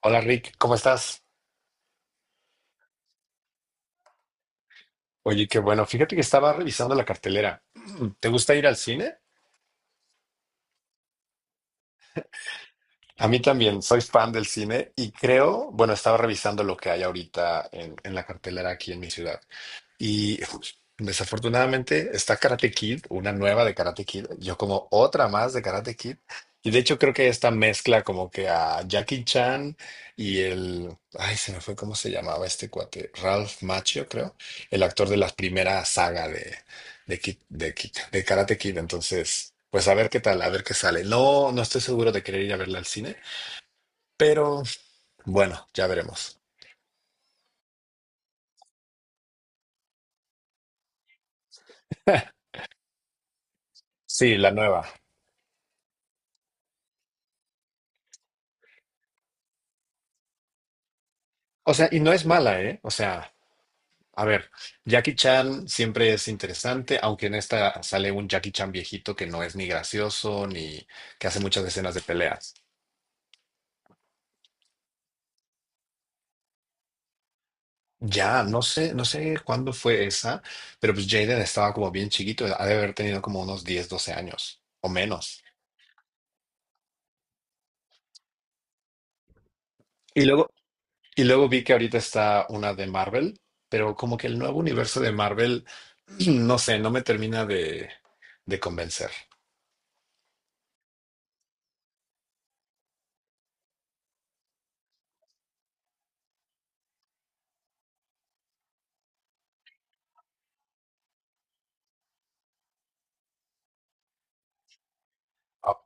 Hola Rick, ¿cómo estás? Oye, qué bueno. Fíjate que estaba revisando la cartelera. ¿Te gusta ir al cine? A mí también, soy fan del cine y creo, bueno, estaba revisando lo que hay ahorita en la cartelera aquí en mi ciudad. Y desafortunadamente está Karate Kid, una nueva de Karate Kid, yo como otra más de Karate Kid. Y de hecho creo que esta mezcla como que a Jackie Chan y el... Ay, se me fue cómo se llamaba este cuate. Ralph Macchio, creo. El actor de la primera saga de Karate Kid. Entonces, pues a ver qué tal, a ver qué sale. No, no estoy seguro de querer ir a verla al cine, pero bueno, ya veremos. Sí, la nueva. O sea, y no es mala, ¿eh? O sea. A ver, Jackie Chan siempre es interesante, aunque en esta sale un Jackie Chan viejito que no es ni gracioso ni que hace muchas escenas de peleas. Ya, no sé cuándo fue esa, pero pues Jaden estaba como bien chiquito, ha de haber tenido como unos 10, 12 años o menos. Y luego, y luego vi que ahorita está una de Marvel, pero como que el nuevo universo de Marvel, no sé, no me termina de convencer. Ah,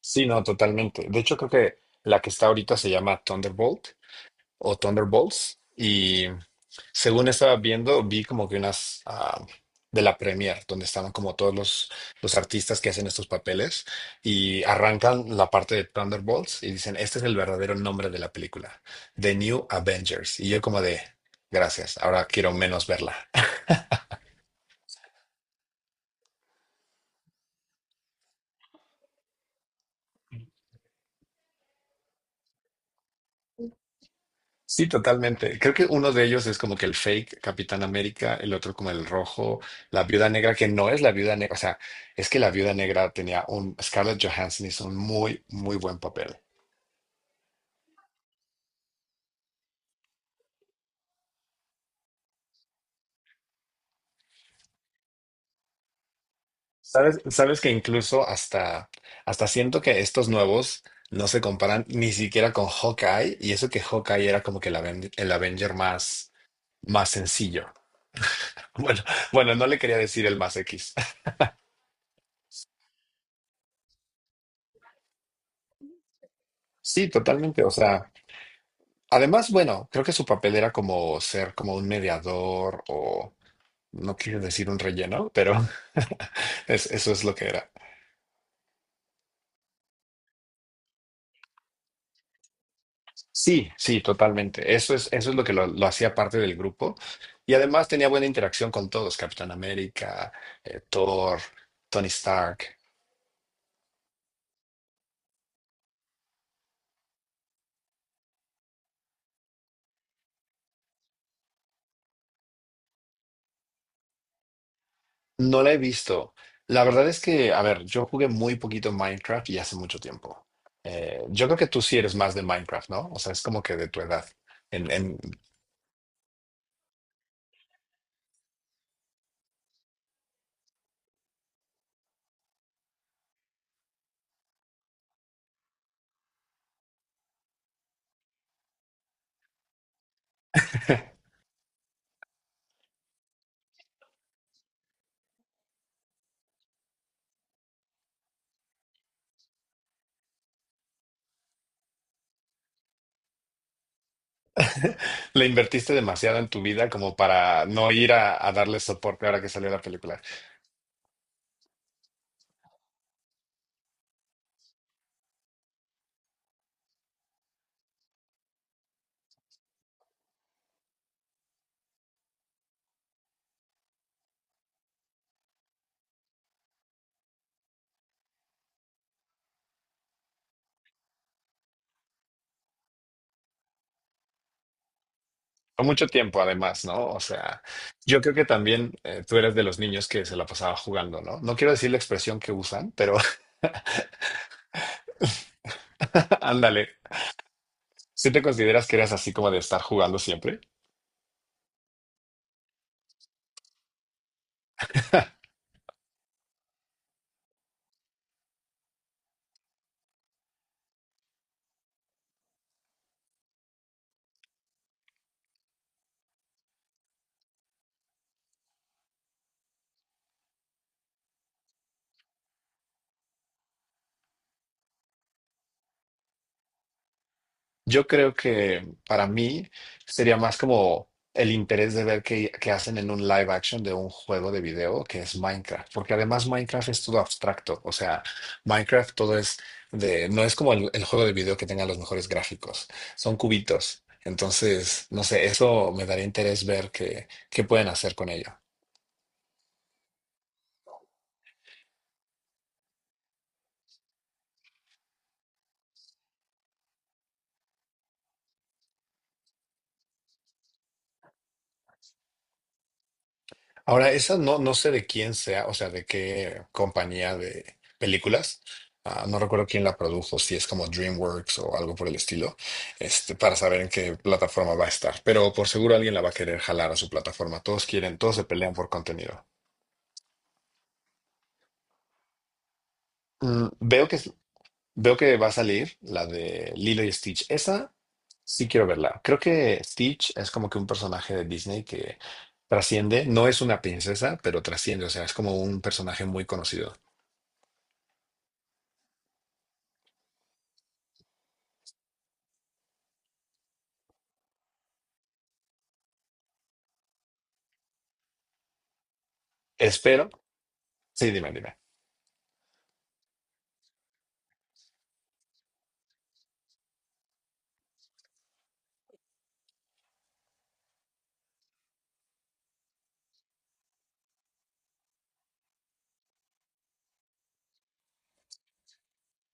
sí, no, totalmente. De hecho, creo que la que está ahorita se llama Thunderbolt o Thunderbolts. Y según estaba viendo, vi como que unas de la premier, donde estaban como todos los artistas que hacen estos papeles y arrancan la parte de Thunderbolts y dicen, este es el verdadero nombre de la película, The New Avengers. Y yo como de, gracias, ahora quiero menos verla. Sí, totalmente. Creo que uno de ellos es como que el fake Capitán América, el otro como el rojo, la Viuda Negra, que no es la Viuda Negra. O sea, es que la Viuda Negra tenía un... Scarlett Johansson hizo un muy, muy buen papel. Sabes que incluso hasta siento que estos nuevos no se comparan ni siquiera con Hawkeye, y eso que Hawkeye era como que el Avenger más sencillo. Bueno, bueno, no le quería decir el más X. Sí, totalmente. O sea. Además, bueno, creo que su papel era como ser como un mediador o no quiero decir un relleno, pero eso es lo que era. Sí, sí, totalmente. Eso es lo que lo hacía parte del grupo. Y además tenía buena interacción con todos, Capitán América, Thor, Tony Stark. No la he visto. La verdad es que, a ver, yo jugué muy poquito Minecraft y hace mucho tiempo. Yo creo que tú sí eres más de Minecraft, ¿no? O sea, es como que de tu edad. En, en- Le invertiste demasiado en tu vida como para no ir a darle soporte ahora que salió la película. Fue mucho tiempo además, ¿no? O sea, yo creo que también tú eres de los niños que se la pasaba jugando, ¿no? No quiero decir la expresión que usan, pero ándale. ¿Sí te consideras que eras así como de estar jugando siempre? Yo creo que para mí sería más como el interés de ver qué hacen en un live action de un juego de video que es Minecraft, porque además Minecraft es todo abstracto, o sea, Minecraft todo es de, no es como el juego de video que tenga los mejores gráficos, son cubitos. Entonces, no sé, eso me daría interés ver qué pueden hacer con ello. Ahora, esa no, no sé de quién sea, o sea, de qué compañía de películas. Ah, no recuerdo quién la produjo, si es como DreamWorks o algo por el estilo, este, para saber en qué plataforma va a estar. Pero por seguro alguien la va a querer jalar a su plataforma. Todos quieren, todos se pelean por contenido. Mm, veo que, veo que va a salir la de Lilo y Stitch. Esa sí quiero verla. Creo que Stitch es como que un personaje de Disney que trasciende. No es una princesa, pero trasciende. O sea, es como un personaje muy conocido. Espero Sí, dime, dime.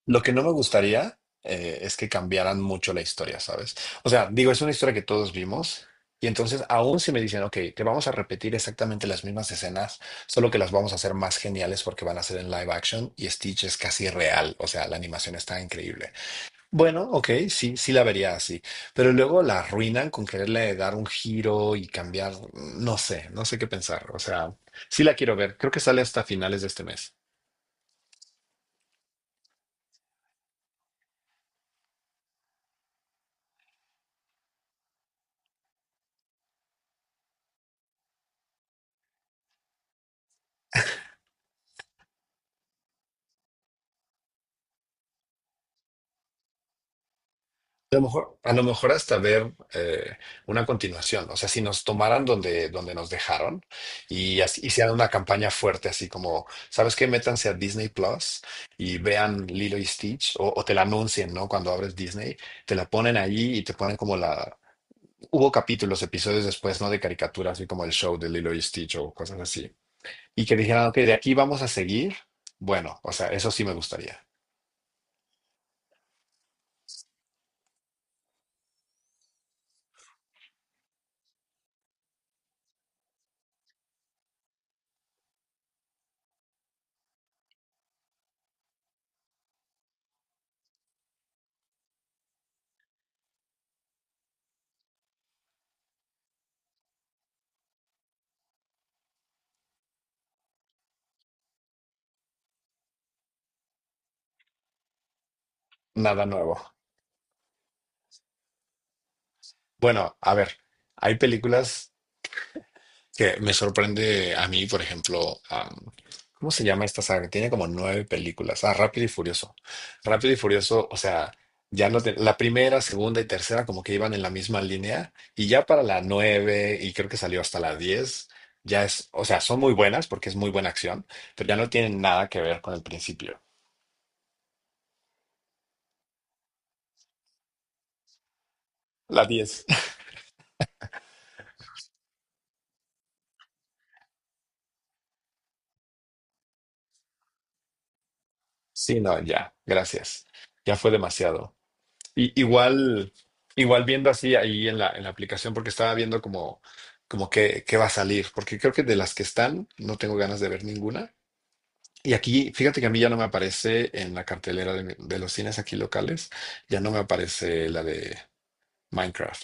Lo que no me gustaría es que cambiaran mucho la historia, ¿sabes? O sea, digo, es una historia que todos vimos y entonces aún si me dicen, ok, te vamos a repetir exactamente las mismas escenas, solo que las vamos a hacer más geniales porque van a ser en live action y Stitch es casi real, o sea, la animación está increíble. Bueno, ok, sí, sí la vería así, pero luego la arruinan con quererle dar un giro y cambiar, no sé qué pensar, o sea, sí la quiero ver, creo que sale hasta finales de este mes. A lo mejor hasta ver una continuación. O sea, si nos tomaran donde nos dejaron y así, hicieran una campaña fuerte, así como, ¿sabes qué? Métanse a Disney Plus y vean Lilo y Stitch o te la anuncien, ¿no? Cuando abres Disney, te la ponen allí y te ponen como la. Hubo capítulos, episodios después, ¿no? De caricaturas, así como el show de Lilo y Stitch o cosas así. Y que dijeran, ok, de aquí vamos a seguir. Bueno, o sea, eso sí me gustaría. Nada nuevo. Bueno, a ver, hay películas que me sorprende a mí, por ejemplo, ¿cómo se llama esta saga? Tiene como 9 películas. Ah, Rápido y Furioso. Rápido y Furioso, o sea, ya no te- la primera, segunda y tercera como que iban en la misma línea y ya para la nueve y creo que salió hasta la diez, ya es, o sea, son muy buenas porque es muy buena acción, pero ya no tienen nada que ver con el principio. La diez. Sí, no, ya, gracias. Ya fue demasiado. Y- igual, igual viendo así ahí en la aplicación, porque estaba viendo como qué va a salir, porque creo que de las que están no tengo ganas de ver ninguna. Y aquí, fíjate que a mí ya no me aparece en la cartelera de los cines aquí locales, ya no me aparece la de Minecraft.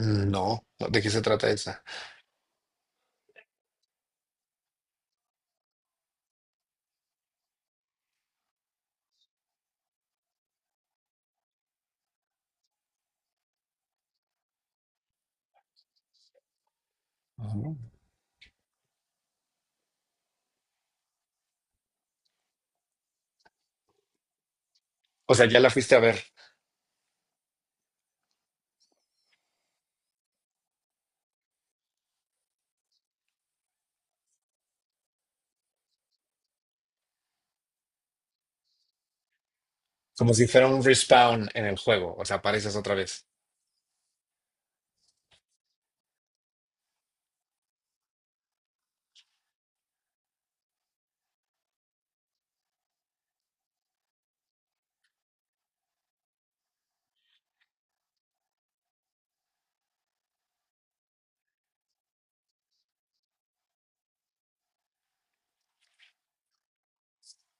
Mm, no, no, ¿de qué se trata esa? Ah. O sea, ya la fuiste a ver, como si fuera un respawn en el juego, o sea, apareces otra vez.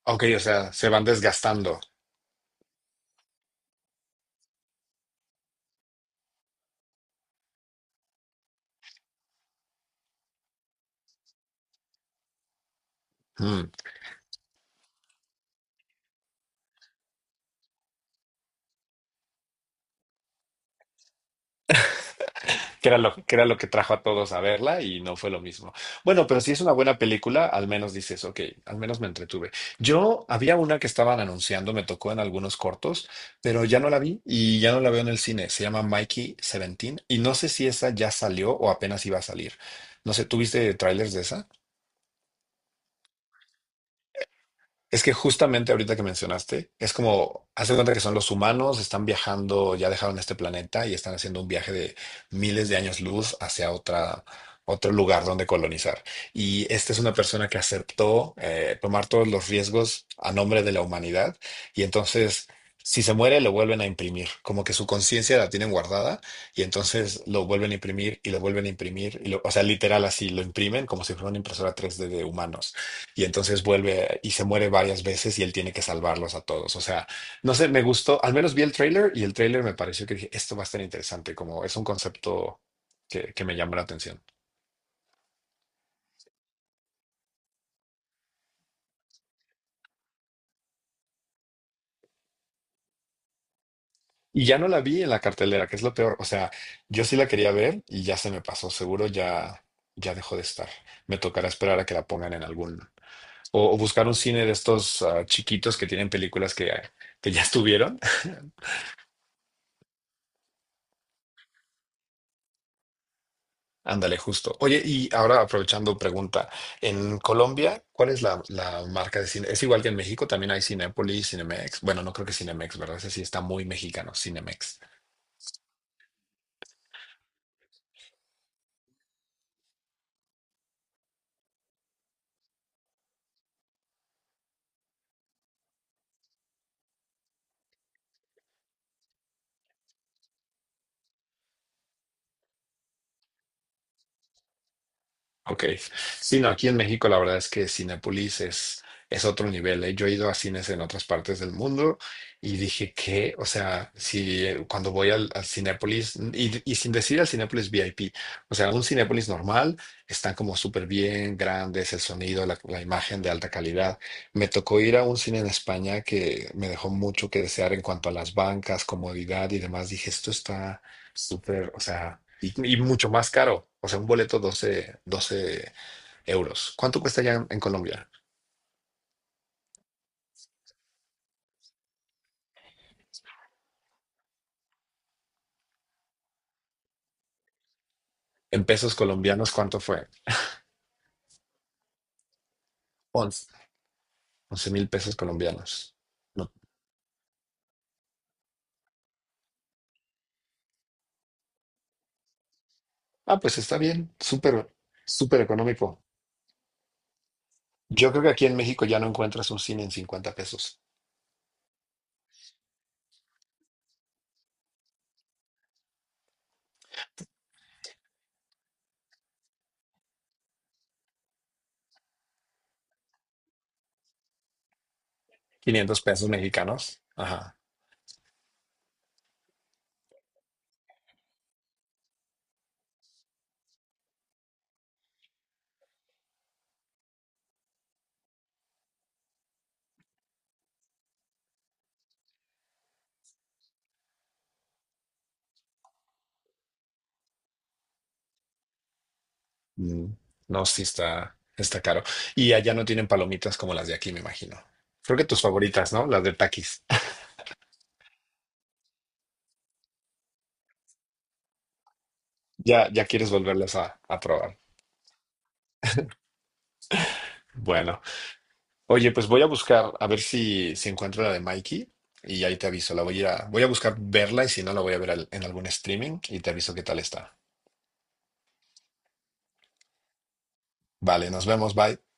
Ok, o sea, se van desgastando. Mm. Que era lo que trajo a todos a verla y no fue lo mismo. Bueno, pero si es una buena película, al menos dices, ok, al menos me entretuve. Yo había una que estaban anunciando, me tocó en algunos cortos, pero ya no la vi y ya no la veo en el cine. Se llama Mikey Seventeen y no sé si esa ya salió o apenas iba a salir. No sé, ¿tuviste trailers de esa? Es que justamente ahorita que mencionaste, es como, haz de cuenta que son los humanos, están viajando, ya dejaron este planeta y están haciendo un viaje de miles de años luz hacia otra, otro lugar donde colonizar. Y esta es una persona que aceptó tomar todos los riesgos a nombre de la humanidad. Y entonces, si se muere, lo vuelven a imprimir, como que su conciencia la tienen guardada y entonces lo vuelven a imprimir y lo vuelven a imprimir. O sea, literal así, lo imprimen como si fuera una impresora 3D de humanos y entonces vuelve y se muere varias veces y él tiene que salvarlos a todos. O sea, no sé, me gustó, al menos vi el tráiler y el tráiler me pareció que dije, esto va a estar interesante, como es un concepto que me llama la atención. Y ya no la vi en la cartelera, que es lo peor. O sea, yo sí la quería ver y ya se me pasó, seguro ya dejó de estar. Me tocará esperar a que la pongan en algún. O buscar un cine de estos chiquitos que tienen películas que ya estuvieron. Ándale, justo. Oye, y ahora aprovechando pregunta, en Colombia, ¿cuál es la marca de cine? Es igual que en México, también hay Cinépolis, Cinemex. Bueno, no creo que Cinemex, ¿verdad? Ese sí está muy mexicano, Cinemex. Ok. Sí, no, aquí en México la verdad es que Cinépolis es otro nivel. ¿Eh? Yo he ido a cines en otras partes del mundo y dije que, o sea, si cuando voy al Cinépolis, y sin decir al Cinépolis VIP, o sea, un Cinépolis normal, están como súper bien, grandes, el sonido, la imagen de alta calidad. Me tocó ir a un cine en España que me dejó mucho que desear en cuanto a las bancas, comodidad y demás. Dije, esto está súper, o sea, y mucho más caro. O sea, un boleto 12, 12 euros. ¿Cuánto cuesta ya en Colombia? En pesos colombianos, ¿cuánto fue? 11, 11 mil pesos colombianos. No. Ah, pues está bien, súper, súper económico. Yo creo que aquí en México ya no encuentras un cine en 50 pesos. 500 pesos mexicanos. Ajá. Mm, no, sí está caro. Y allá no tienen palomitas como las de aquí, me imagino. Creo que tus favoritas, ¿no? Las de Takis. Ya, ya quieres volverlas a probar. Bueno, oye, pues voy a buscar a ver si encuentro la de Mikey y ahí te aviso. La voy a, ir a- Voy a buscar verla y si no, la voy a ver en algún streaming y te aviso qué tal está. Vale, nos vemos, bye.